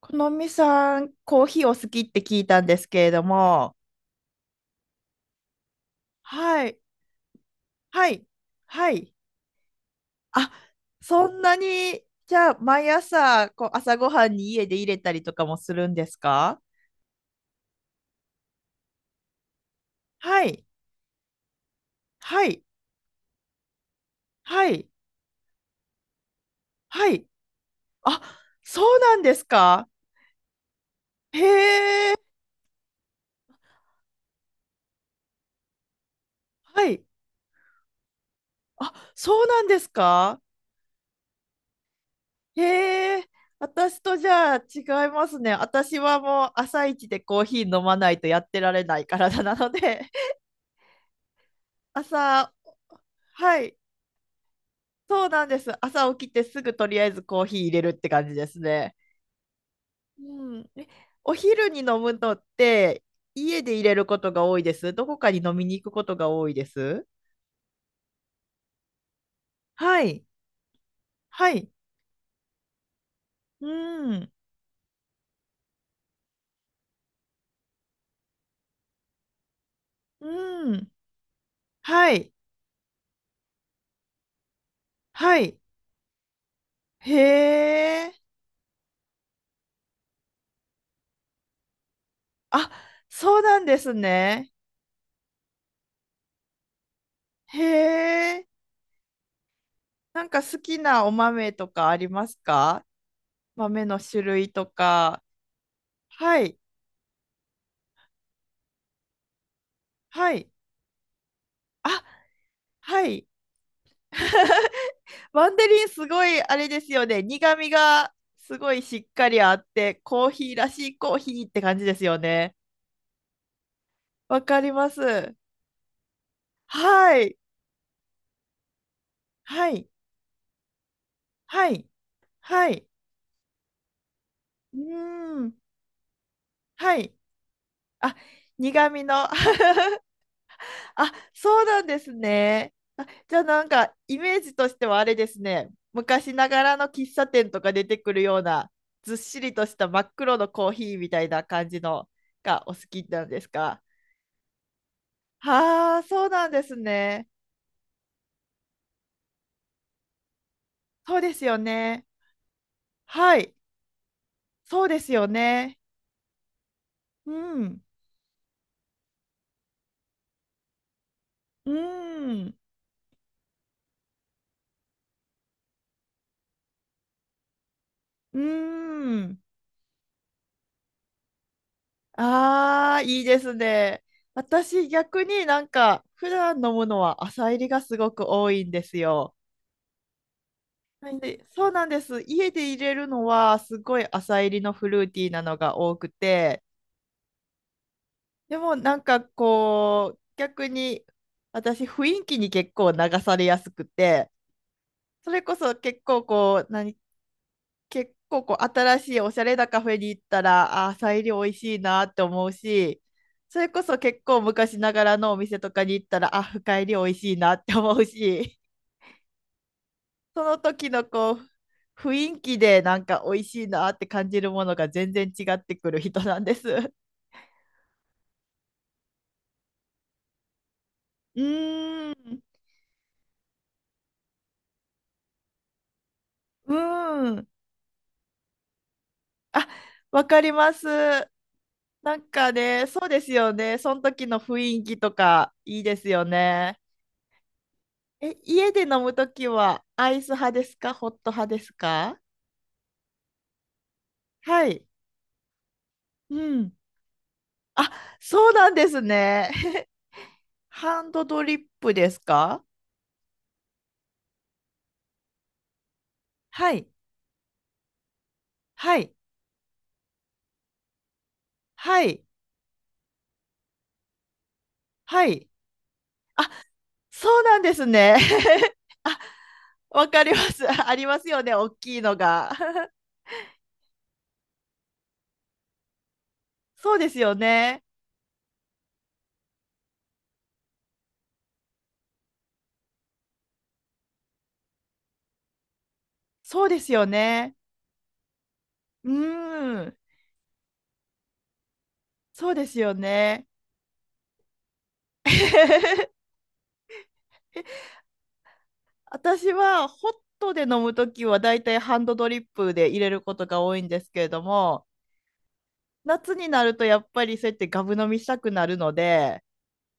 このみさん、コーヒーお好きって聞いたんですけれども、はい、はい、はい。あ、そんなに、じゃあ、毎朝、朝ごはんに家で入れたりとかもするんですか？はい、はい、はい、はい。あ、そうなんですか？へえ、はい。そうなんですか？へえ、私とじゃあ違いますね。私はもう朝一でコーヒー飲まないとやってられない体なので。朝はい、そうなんです。朝起きてすぐとりあえずコーヒー入れるって感じですね。うん。え、お昼に飲むのって家で入れることが多いです。どこかに飲みに行くことが多いです。はい。はい。うん。うん。はい。はい。へえ。あ、そうなんですね。へえ。なんか好きなお豆とかありますか？豆の種類とか。はい。はい。あ、はい。マンデリンすごいあれですよね。苦味がすごいしっかりあって、コーヒーらしいコーヒーって感じですよね。わかります。はい。はい。はい。はい。うーん。はい。あ、苦味の。そうなんですね。じゃあなんかイメージとしてはあれですね。昔ながらの喫茶店とか出てくるようなずっしりとした真っ黒のコーヒーみたいな感じのがお好きなんですか？はあ、そうなんですね。そうですよね。はい。そうですよね。うん。うん。うん。ああ、いいですね。私、逆になんか、普段飲むのは朝入りがすごく多いんですよ。なんで、そうなんです。家で入れるのは、すごい朝入りのフルーティーなのが多くて、でもなんかこう、逆に、私、雰囲気に結構流されやすくて、それこそ結構こう、何、結構こう、新しいおしゃれなカフェに行ったら、あー、サイリ美味しいなって思うし、それこそ結構昔ながらのお店とかに行ったら、深入り美味しいなって思うし、その時のこう、雰囲気でなんか美味しいなって感じるものが全然違ってくる人なんです。うーん、うーん。あ、わかります。なんかね、そうですよね。その時の雰囲気とかいいですよね。え、家で飲むときはアイス派ですかホット派ですか？はい。うん。あ、そうなんですね。ハンドドリップですか？はい。はい。はい。はい。あ、そうなんですね。あ、わかります。ありますよね。大きいのが。そうですよね。そうですよね。うーん。そうですよね。私はホットで飲むときはだいたいハンドドリップで入れることが多いんですけれども、夏になるとやっぱりそうやってガブ飲みしたくなるので、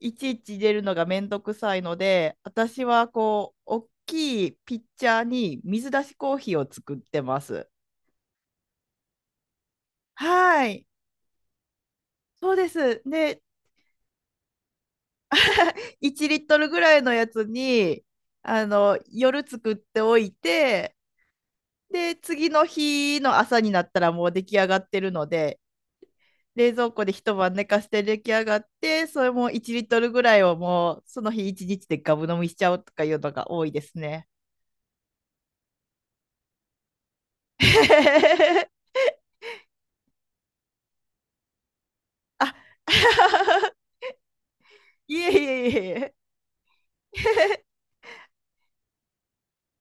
いちいち入れるのがめんどくさいので、私はこう、大きいピッチャーに水出しコーヒーを作ってます。はい。そうです。で、1リットルぐらいのやつに、夜作っておいて、で、次の日の朝になったらもう出来上がってるので、冷蔵庫で一晩寝かして出来上がってそれも1リットルぐらいをもうその日1日でガブ飲みしちゃうとかいうのが多いですね。あ いえいえいえいえ、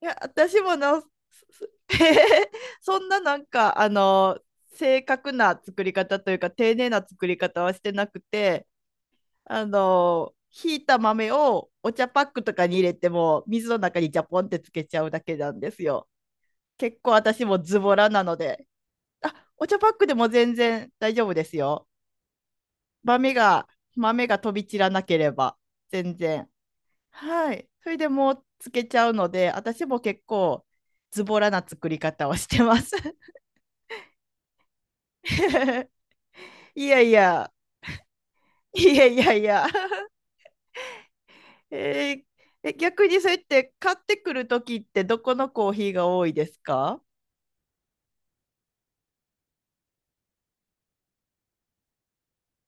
いや私もな そんな正確な作り方というか丁寧な作り方はしてなくてひいた豆をお茶パックとかに入れても水の中にジャポンってつけちゃうだけなんですよ。結構私もズボラなので、お茶パックでも全然大丈夫ですよ。豆が、豆が飛び散らなければ、全然。はい。それでもうつけちゃうので、私も結構ズボラな作り方をしてます。いやいや、いやいやいや。えー、え、逆にそうやって買ってくるときってどこのコーヒーが多いですか？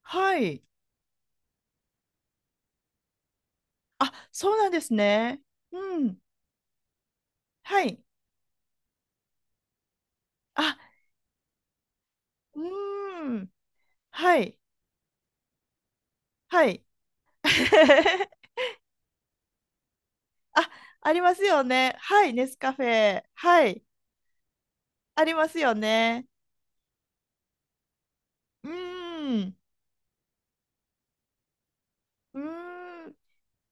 はい。そうなんですね。うん。はい。あ、うーん。はい。はい。あ、ありますよね。はい、ネスカフェ。はい、ありますよね。うーん、うーん、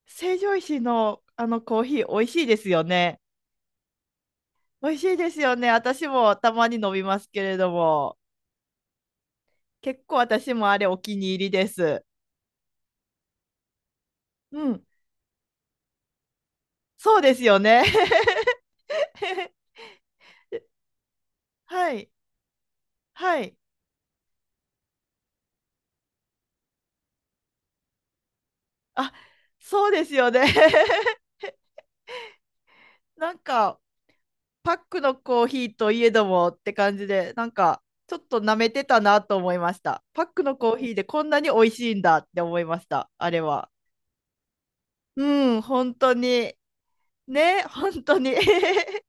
成城石井のあのコーヒー、美味しいですよね。美味しいですよね。私もたまに飲みますけれども、結構私もあれお気に入りです。うん、そうですよね。はい、はい。あ、そうですよね。なんか、パックのコーヒーといえどもって感じで、なんかちょっと舐めてたなと思いました。パックのコーヒーでこんなに美味しいんだって思いました、あれは。うん、本当に。ね、本当に。え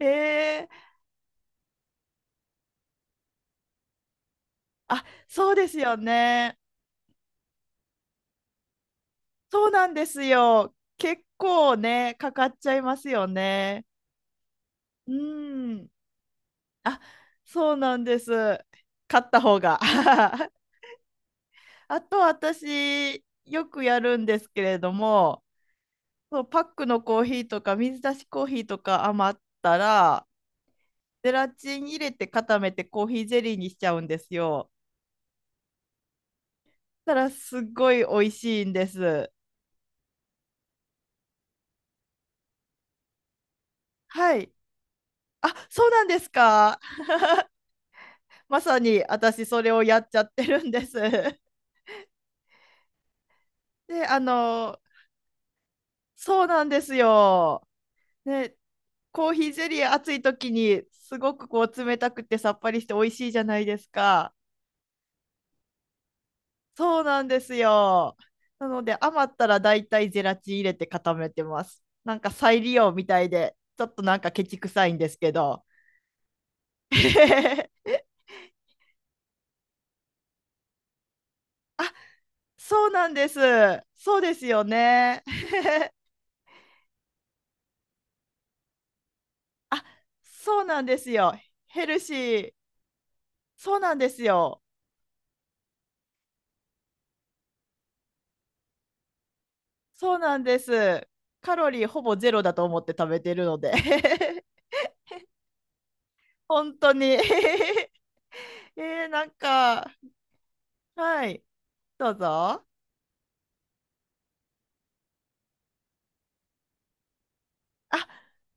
え、そうですよね。そうなんですよ。結構ね、かかっちゃいますよね。うん。あ、そうなんです。買った方が。あと私、よくやるんですけれども、そうパックのコーヒーとか水出しコーヒーとか余ったらゼラチン入れて固めてコーヒーゼリーにしちゃうんですよ。そしたらすっごい美味しいんです。はい。そうなんですか。まさに私それをやっちゃってるんです。で、そうなんですよ。ね、コーヒーゼリー暑い時にすごくこう冷たくてさっぱりして美味しいじゃないですか。そうなんですよ。なので余ったらだいたいゼラチン入れて固めてます。なんか再利用みたいで、ちょっとなんかケチくさいんですけど。そうなんです。そうですよね。あ、そうなんですよ。ヘルシー。そうなんですよ。そうなんです。カロリーほぼゼロだと思って食べてるので。本当に。えー、なんか、はい。どうぞ。あ、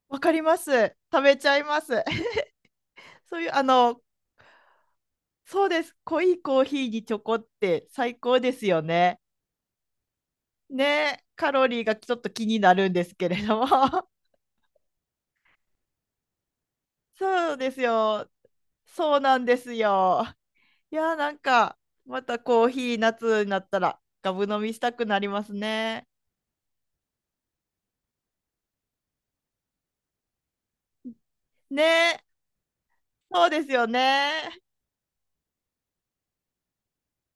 わかります。食べちゃいます。そういうあのそうです濃いコーヒーにチョコって最高ですよね。ねカロリーがちょっと気になるんですけれども そうですよ、そうなんですよ。いやなんかまたコーヒー夏になったらガブ飲みしたくなりますね。ねそうですよね。